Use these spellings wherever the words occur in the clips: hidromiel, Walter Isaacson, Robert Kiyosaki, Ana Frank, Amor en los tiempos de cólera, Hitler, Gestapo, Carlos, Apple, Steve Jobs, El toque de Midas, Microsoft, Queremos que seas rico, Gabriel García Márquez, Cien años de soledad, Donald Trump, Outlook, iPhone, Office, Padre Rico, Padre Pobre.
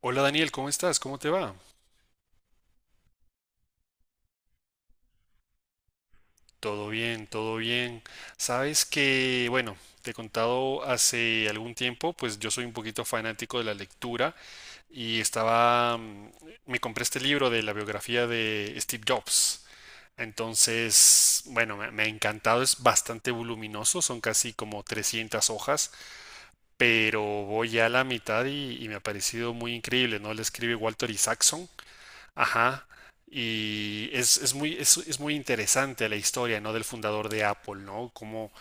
Hola Daniel, ¿cómo estás? ¿Cómo te va? Todo bien, todo bien. Sabes que, bueno, te he contado hace algún tiempo, pues yo soy un poquito fanático de la lectura y estaba, me compré este libro de la biografía de Steve Jobs. Entonces, bueno, me ha encantado, es bastante voluminoso, son casi como 300 hojas, pero voy ya a la mitad y me ha parecido muy increíble, ¿no? Le escribe Walter Isaacson. Ajá. Y es muy interesante la historia, ¿no? Del fundador de Apple, ¿no? Cómo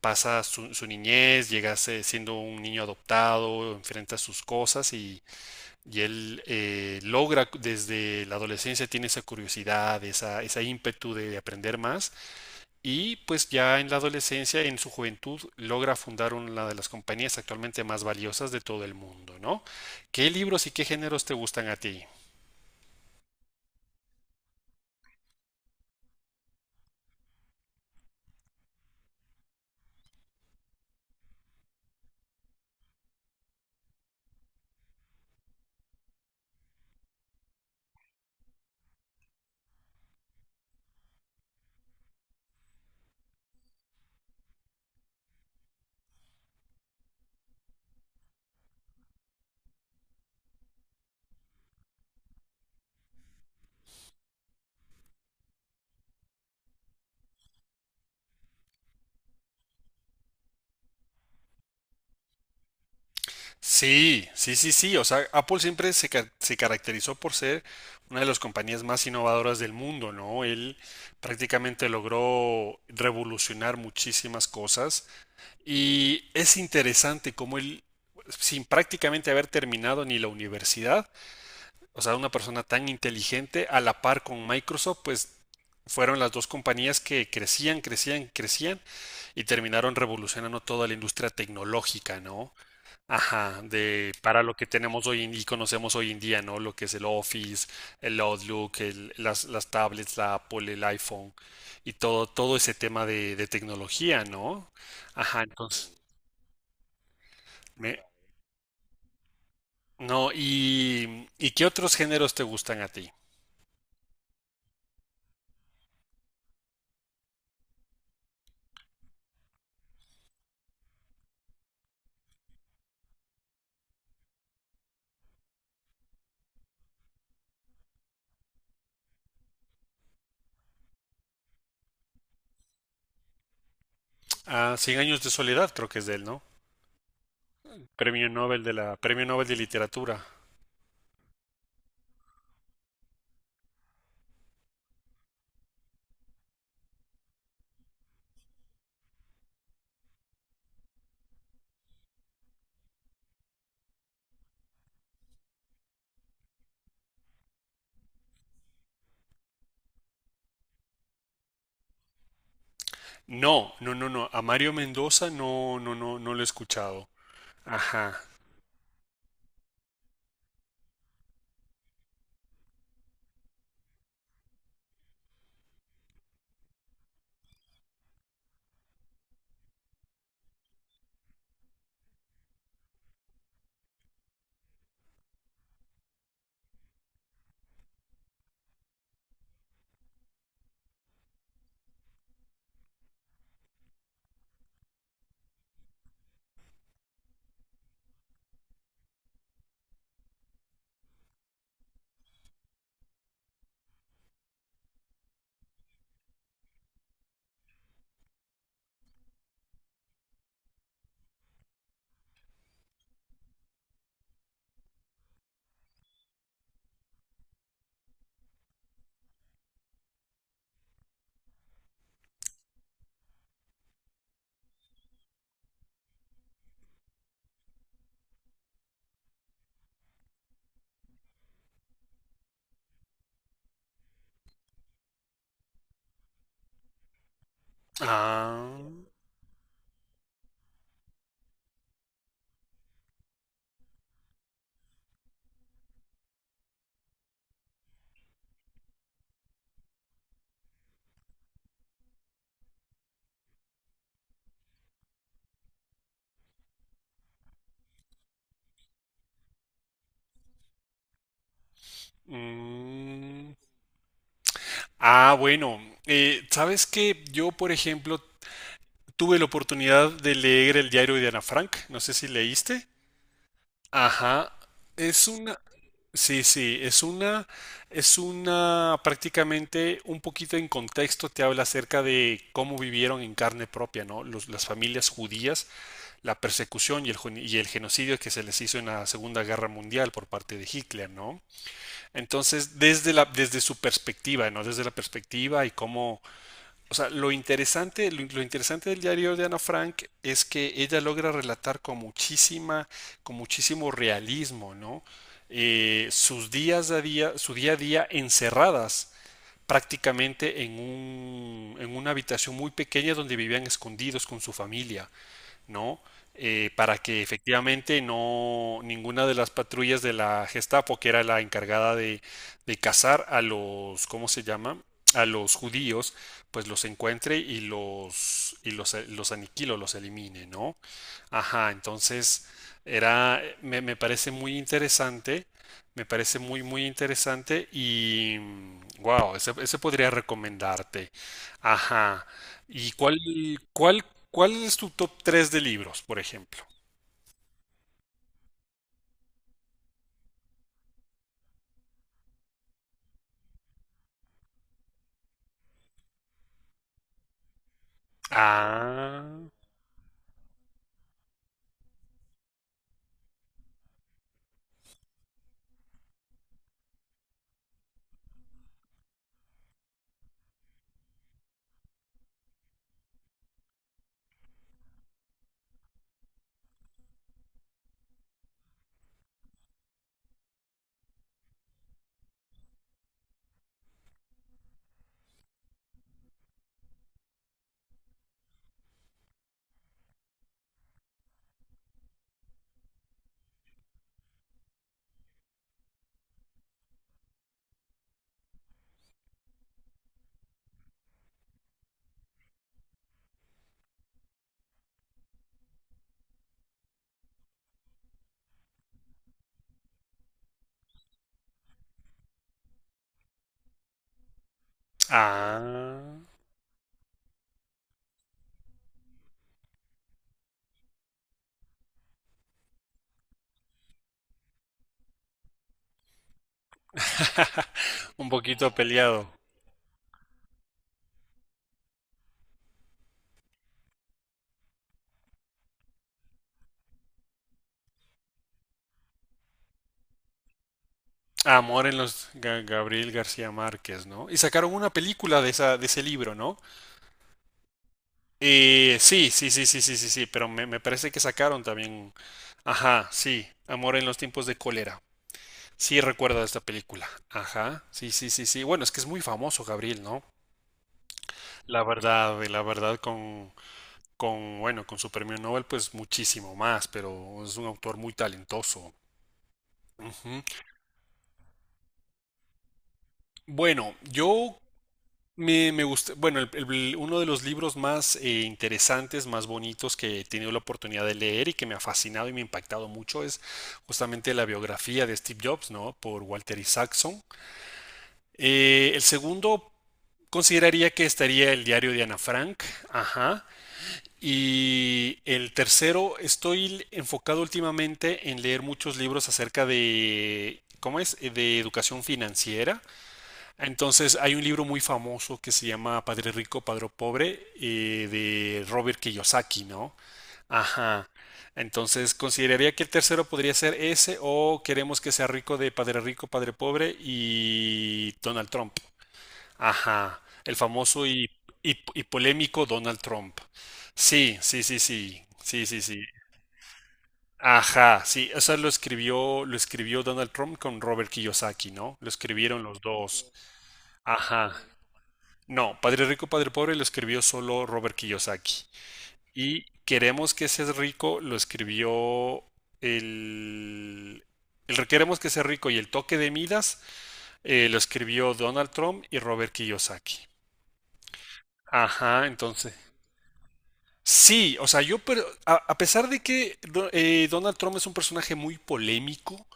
pasa su niñez, siendo un niño adoptado, enfrenta sus cosas y él logra desde la adolescencia, tiene esa curiosidad, esa ímpetu de aprender más y pues ya en la adolescencia, en su juventud, logra fundar una de las compañías actualmente más valiosas de todo el mundo, ¿no? ¿Qué libros y qué géneros te gustan a ti? Sí, sí, sí, sí. O sea, Apple siempre se caracterizó por ser una de las compañías más innovadoras del mundo, ¿no? Él prácticamente logró revolucionar muchísimas cosas y es interesante cómo él, sin prácticamente haber terminado ni la universidad, o sea, una persona tan inteligente, a la par con Microsoft, pues fueron las dos compañías que crecían, crecían, crecían y terminaron revolucionando toda la industria tecnológica, ¿no? Ajá, de para lo que tenemos y conocemos hoy en día, ¿no? Lo que es el Office, el Outlook, las tablets, la Apple, el iPhone y todo ese tema de tecnología, ¿no? Ajá, entonces, me- no. ¿Y qué otros géneros te gustan a ti? Ah, Cien años de soledad, creo que es de él, ¿no? Premio Nobel de Literatura. No, no, no, no. A Mario Mendoza no, no, no, no lo he escuchado. Ajá. Ah. mm, Ah, bueno, sabes que yo, por ejemplo, tuve la oportunidad de leer el diario de Ana Frank, no sé si leíste. Ajá, es una, sí, sí, es una prácticamente un poquito en contexto te habla acerca de cómo vivieron en carne propia, ¿no? Las familias judías, la persecución y y el genocidio que se les hizo en la Segunda Guerra Mundial por parte de Hitler, ¿no? Entonces, desde su perspectiva, ¿no? Desde la perspectiva y cómo o sea, lo interesante, lo interesante del diario de Ana Frank es que ella logra relatar con muchísima, con muchísimo realismo, ¿no? Sus días a día, su día a día encerradas prácticamente en un, en una habitación muy pequeña donde vivían escondidos con su familia, ¿no? Para que efectivamente no ninguna de las patrullas de la Gestapo, que era la encargada de cazar a los, ¿cómo se llama? A los judíos, pues los encuentre y los aniquilo, los elimine, ¿no? Ajá, entonces era me parece muy interesante, me parece muy muy interesante y wow, ese podría recomendarte. Ajá. ¿Y cuál, cuál es tu top 3 de libros, por ejemplo? Ah, ah. Un poquito peleado. Amor en los Ga- Gabriel García Márquez, ¿no? Y sacaron una película de esa, de ese libro, ¿no? Sí, sí, sí, sí, sí, sí, sí, pero me parece que sacaron también. Ajá, sí. Amor en los tiempos de cólera. Sí, recuerdo esta película. Ajá, sí, sí, sí, sí. Bueno, es que es muy famoso, Gabriel, ¿no? La verdad, con, bueno, con su premio Nobel, pues muchísimo más, pero es un autor muy talentoso. Ujú. Bueno, yo me gusta, bueno, uno de los libros más interesantes, más bonitos que he tenido la oportunidad de leer y que me ha fascinado y me ha impactado mucho es justamente la biografía de Steve Jobs, ¿no? Por Walter Isaacson. El segundo consideraría que estaría el diario de Ana Frank. Ajá. Y el tercero, estoy enfocado últimamente en leer muchos libros acerca de, ¿cómo es? De educación financiera. Entonces, hay un libro muy famoso que se llama Padre Rico, Padre Pobre, de Robert Kiyosaki, ¿no? Ajá. Entonces, consideraría que el tercero podría ser ese o queremos que sea rico de Padre Rico, Padre Pobre y Donald Trump. Ajá, el famoso y polémico Donald Trump. Sí, sí, sí, sí, sí, sí, sí. Ajá, sí, o sea, lo escribió Donald Trump con Robert Kiyosaki, ¿no? Lo escribieron los dos. Ajá. No, Padre Rico, Padre Pobre lo escribió solo Robert Kiyosaki. Y Queremos que seas rico lo escribió el... El Queremos que seas rico y el toque de Midas lo escribió Donald Trump y Robert Kiyosaki. Ajá, entonces. Sí, o sea, yo, pero a pesar de que Donald Trump es un personaje muy polémico,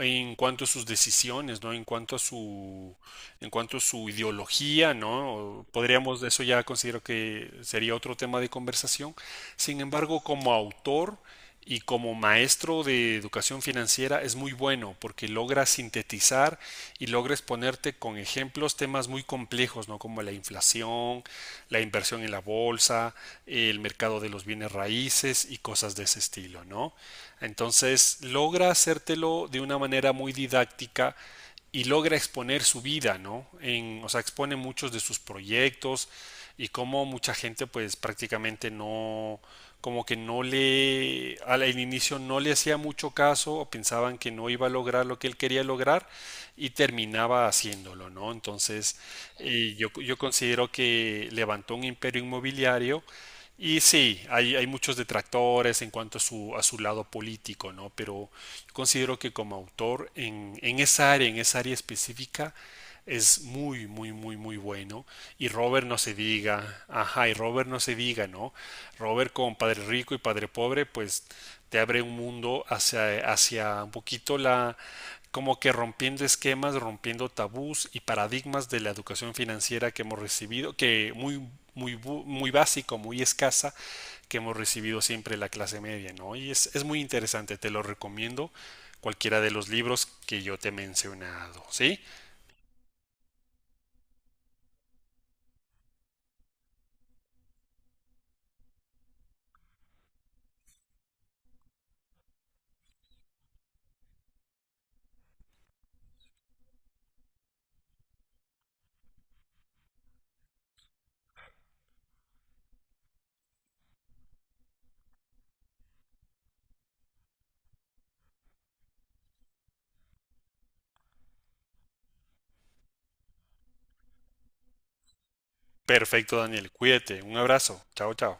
en cuanto a sus decisiones, ¿no? en cuanto a su, ideología, ¿no? Podríamos, eso ya considero que sería otro tema de conversación. Sin embargo, como autor y como maestro de educación financiera es muy bueno porque logra sintetizar y logra exponerte con ejemplos temas muy complejos, ¿no? Como la inflación, la inversión en la bolsa, el mercado de los bienes raíces y cosas de ese estilo, ¿no? Entonces, logra hacértelo de una manera muy didáctica y logra exponer su vida, ¿no? O sea, expone muchos de sus proyectos y cómo mucha gente pues prácticamente no, como que no le, al inicio no le hacía mucho caso o pensaban que no iba a lograr lo que él quería lograr y terminaba haciéndolo, ¿no? Entonces, yo, considero que levantó un imperio inmobiliario y sí, hay muchos detractores en cuanto a su lado político, ¿no? Pero yo considero que como autor en esa área, en esa área específica, es muy, muy, muy, muy bueno. Y Robert no se diga, ajá, y Robert no se diga, ¿no? Robert con Padre Rico y Padre Pobre, pues te abre un mundo hacia, un poquito como que rompiendo esquemas, rompiendo tabús y paradigmas de la educación financiera que hemos recibido, que muy muy, muy básico, muy escasa que hemos recibido siempre la clase media, ¿no? Y es muy interesante, te lo recomiendo cualquiera de los libros que yo te he mencionado, ¿sí? Perfecto, Daniel, cuídate, un abrazo, chao, chao.